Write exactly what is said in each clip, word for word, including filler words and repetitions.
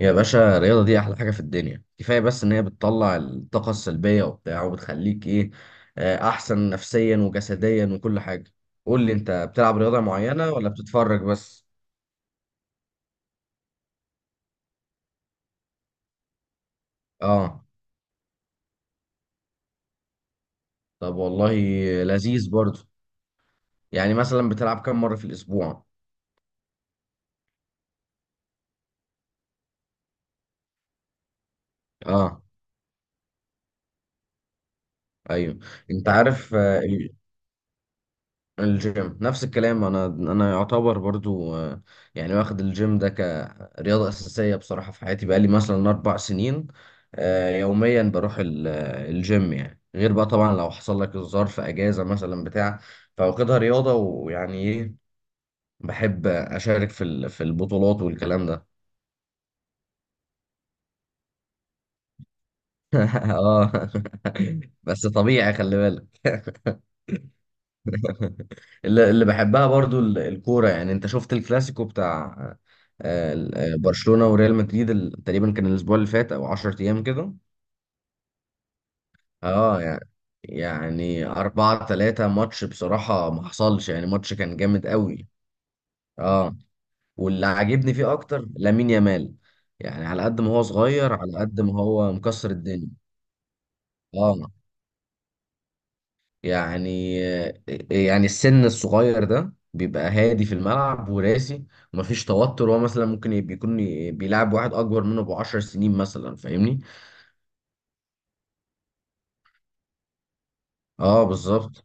يا باشا، الرياضة دي أحلى حاجة في الدنيا. كفاية بس إن هي بتطلع الطاقة السلبية وبتاع، وبتخليك إيه، آه، أحسن نفسيا وجسديا وكل حاجة. قول لي، أنت بتلعب رياضة معينة ولا بتتفرج بس؟ آه، طب والله لذيذ برضه. يعني مثلا بتلعب كم مرة في الأسبوع؟ آه، أيوه، أنت عارف. آه، الجيم نفس الكلام، انا انا يعتبر برضو، آه، يعني واخد الجيم ده كرياضه اساسيه بصراحه في حياتي، بقالي مثلا اربع سنين. آه، يوميا بروح ال- آه، الجيم، يعني غير بقى طبعا لو حصل لك ظرف اجازه مثلا بتاع. فواخدها رياضه ويعني ايه، بحب اشارك في ال- في البطولات والكلام ده. اه. بس طبيعي خلي بالك. اللي اللي بحبها برضو، ال- الكورة. يعني انت شفت الكلاسيكو بتاع آه، ال- آه، برشلونة وريال مدريد؟ ال- تقريبا كان الاسبوع اللي فات او 10 ايام كده. اه. يعني يعني اربعة تلاتة ماتش بصراحة ما حصلش. يعني ماتش كان جامد قوي. اه، واللي عاجبني فيه اكتر لامين يامال. يعني على قد ما هو صغير، على قد ما هو مكسر الدنيا. اه. يعني يعني السن الصغير ده بيبقى هادي في الملعب وراسي ومفيش توتر. هو مثلا ممكن يبقى- يكون بيلعب واحد اكبر منه بعشر سنين مثلا، فاهمني؟ اه بالظبط.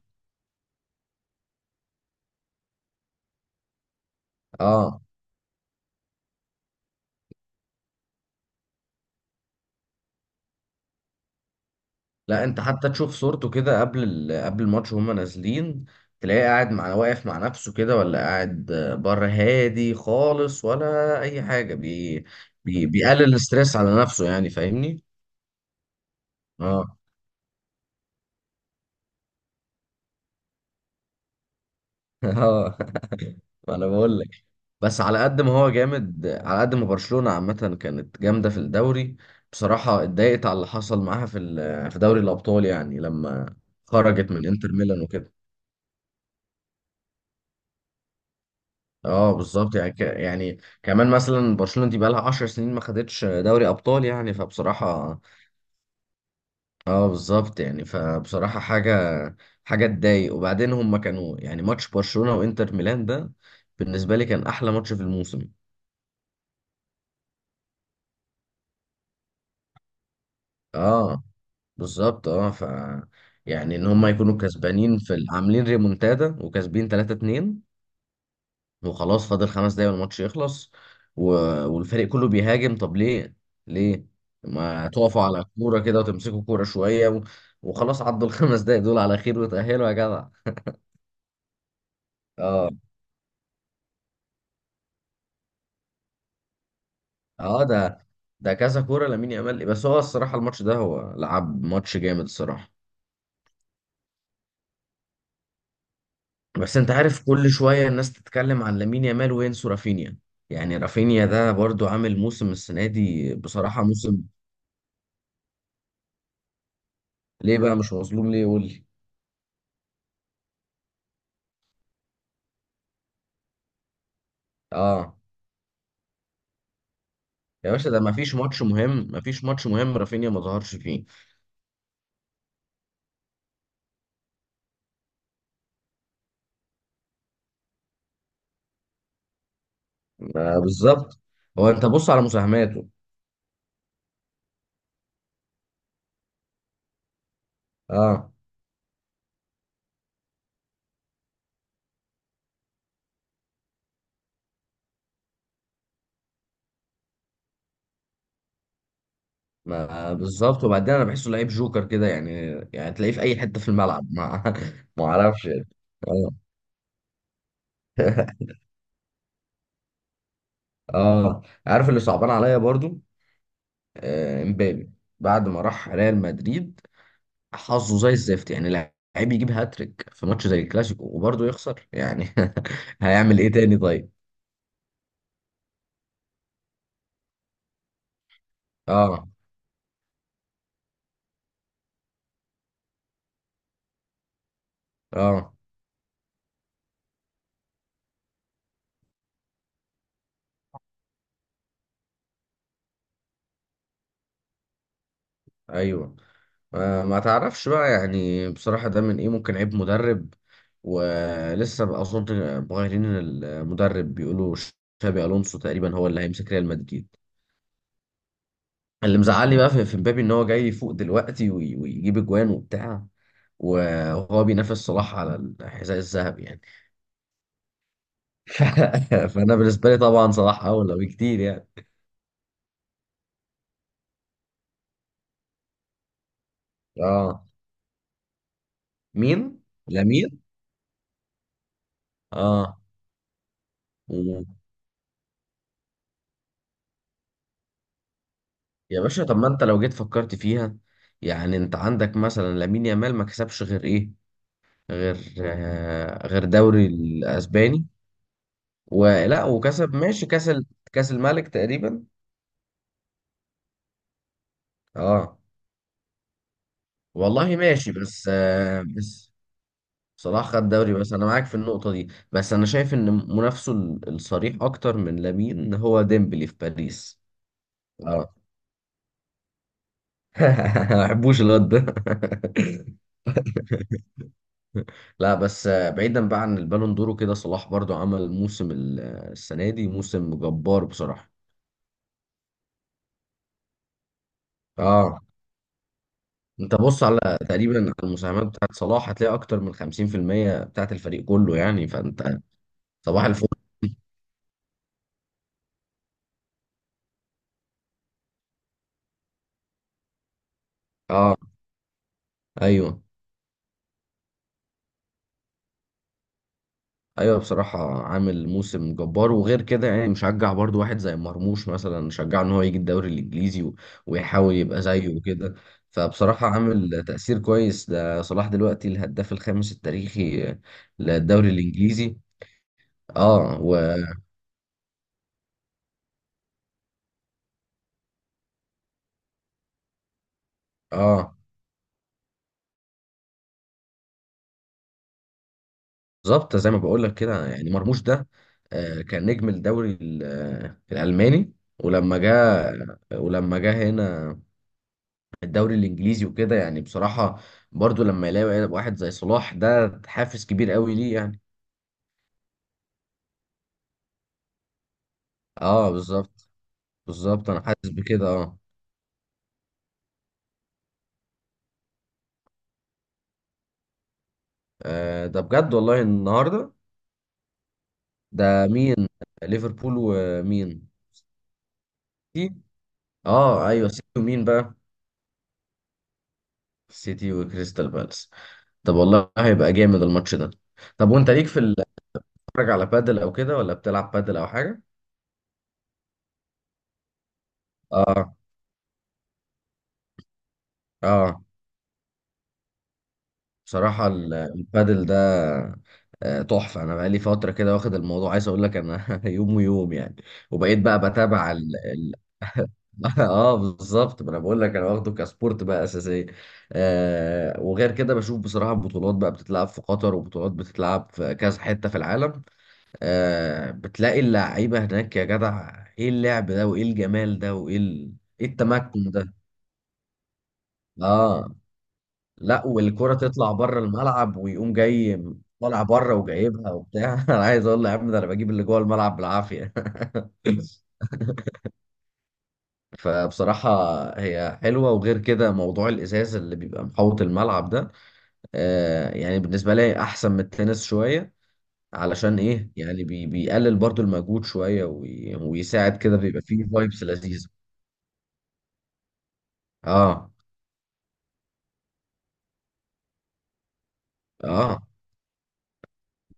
اه، لا انت حتى تشوف صورته كده قبل ال... قبل الماتش وهما نازلين، تلاقيه قاعد مع، واقف مع نفسه كده، ولا قاعد بره، هادي خالص ولا اي حاجه. بي... بي... بيقلل الاستريس على نفسه، يعني فاهمني. اه. اه، ما انا بقول لك. بس على قد ما هو جامد، على قد ما برشلونة عامة كانت جامدة في الدوري. بصراحة اتضايقت على اللي حصل معاها في ال- في دوري الأبطال، يعني لما خرجت من انتر ميلان وكده. اه بالظبط، يعني ك- يعني كمان مثلا برشلونة دي بقالها 10 سنين ما خدتش دوري أبطال، يعني فبصراحة، اه بالظبط يعني فبصراحة، حاجة حاجة تضايق. وبعدين هم كانوا، يعني ماتش برشلونة وانتر ميلان ده بالنسبة لي كان أحلى ماتش في الموسم. اه بالظبط. اه، ف يعني ان هم يكونوا كسبانين في ال- عاملين ريمونتادا، وكسبين تلاتة اتنين، وخلاص فاضل خمس دقايق والماتش يخلص، و... والفريق كله بيهاجم. طب ليه؟ ليه؟ ما تقفوا على كوره كده وتمسكوا كوره شويه و... وخلاص، عدوا الخمس دقايق دول على خير وتأهلوا يا جدع. اه، اه. ده ده كذا كوره لامين يامال. بس هو الصراحه الماتش ده هو لعب ماتش جامد الصراحه. بس انت عارف، كل شوية الناس تتكلم عن لامين يامال وينسوا رافينيا. يعني رافينيا ده برضو عامل موسم، السنة دي بصراحة موسم. ليه بقى مش مظلوم، ليه؟ قول لي. اه، يا باشا، ده مفيش ماتش مهم، مفيش ماتش مهم رافينيا ما ظهرش فيه. ما بالظبط. هو انت بص على مساهماته. اه، ما بالظبط. وبعدين انا بحسه لعيب جوكر كده يعني. يعني تلاقيه في اي حتة في الملعب، ما ما اعرفش يعني. اه. اه، عارف اللي صعبان عليا برضو؟ آه، امبابي. بعد ما راح ريال مدريد، حظه زي الزفت. يعني لعيب يجيب هاتريك في ماتش زي الكلاسيكو وبرضه يخسر، يعني هيعمل ايه تاني طيب؟ اه، اه، ايوه، آه ما تعرفش بقى، يعني بصراحة ده من ايه؟ ممكن عيب مدرب، ولسه بقى اظن مغيرين المدرب، بيقولوا شابي الونسو تقريبا هو اللي هيمسك ريال مدريد. اللي مزعلني بقى في في مبابي، ان هو جاي يفوق دلوقتي وي- ويجيب اجوان وبتاع، وهو بينافس صلاح على الحذاء الذهبي يعني. ف- فانا بالنسبه لي طبعا صلاح اولى بكتير يعني. اه. مين؟ لامين. اه. مم. يا باشا، طب ما انت لو جيت فكرت فيها، يعني انت عندك مثلا لامين يامال ما كسبش غير ايه؟ غير، آه، غير دوري الاسباني ولا، وكسب، ماشي، كاس ال- كاس الملك تقريبا. اه والله ماشي، بس، آه بس صلاح خد دوري بس. انا معاك في النقطة دي، بس انا شايف ان منافسه ال- الصريح اكتر من لامين هو ديمبلي في باريس. اه. ما بحبوش الواد ده. لا بس، آه، بعيدا بقى عن البالون دور وكده، صلاح برضو عمل موسم ال- آه، السنة دي موسم جبار بصراحة. اه، انت بص على، تقريبا على المساهمات بتاعت صلاح هتلاقي اكتر من خمسين في المية بتاعت الفريق كله، يعني فانت، صباح الفل. اه ايوه، ايوه، بصراحه عامل موسم جبار. وغير كده يعني مشجع برضو واحد زي مرموش مثلا، شجعه ان هو يجي الدوري الانجليزي و- ويحاول يبقى زيه وكده. فبصراحه عامل تاثير كويس. ده صلاح دلوقتي الهداف الخامس التاريخي للدوري الانجليزي. اه، و، اه بالظبط. زي ما بقول لك كده، يعني مرموش ده آه، كان نجم الدوري ال- آه، الالماني. ولما جه ولما جه هنا الدوري الانجليزي وكده، يعني بصراحه برضو لما يلاقي واحد زي صلاح ده حافز كبير قوي ليه، يعني. اه بالظبط. بالظبط، انا حاسس بكده اه. آه، ده بجد والله النهارده؟ ده مين؟ ليفربول ومين؟ سيتي. اه ايوه سيتي، ومين بقى؟ سيتي وكريستال بالاس. طب والله هيبقى جامد الماتش ده. طب وانت ليك في ال- بتتفرج على بادل او كده، ولا بتلعب بادل او حاجه؟ اه، اه، بصراحة ال- البادل ده آه، تحفة. أنا بقالي فترة كده واخد الموضوع، عايز أقول لك أنا يوم ويوم يعني. وبقيت بقى بتابع ال... ال... آه بالظبط. ما أنا بقول لك أنا واخده كسبورت بقى أساسية. آه، وغير كده بشوف بصراحة بطولات بقى بتتلعب في قطر، وبطولات بتتلعب في كذا حتة في العالم. آه، بتلاقي اللعيبة هناك، يا جدع إيه اللعب ده وإيه الجمال ده وإيه ال... إيه التمكن ده؟ آه، لا، والكرة تطلع بره الملعب ويقوم جاي، طالع بره وجايبها وبتاع. انا عايز اقول له يا عم ده انا بجيب اللي جوه الملعب بالعافية. فبصراحة، هي حلوة. وغير كده موضوع الإزاز اللي بيبقى محوط الملعب ده، آه يعني بالنسبة لي أحسن من التنس شوية. علشان إيه يعني، بي بيقلل برضو المجهود شوية، وي ويساعد كده، بيبقى فيه فايبس لذيذة. آه، آه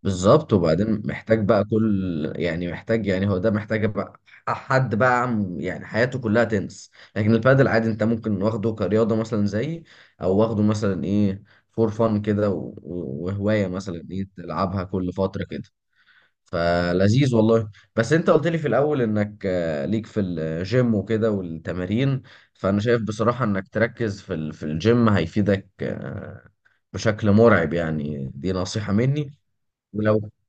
بالظبط. وبعدين محتاج بقى كل، يعني محتاج، يعني هو ده محتاج بقى حد بقى، عم- يعني حياته كلها تنس. لكن البادل عادي، انت ممكن واخده كرياضة مثلا، زي، او واخده مثلا ايه، فور فن كده و- و- وهواية مثلا ايه تلعبها كل فترة كده. فلذيذ والله. بس انت قلت لي في الاول انك آه، ليك في الجيم وكده والتمارين. فانا شايف بصراحة انك تركز في ال- في الجيم هيفيدك، آه، بشكل مرعب يعني. دي نصيحة مني. ولو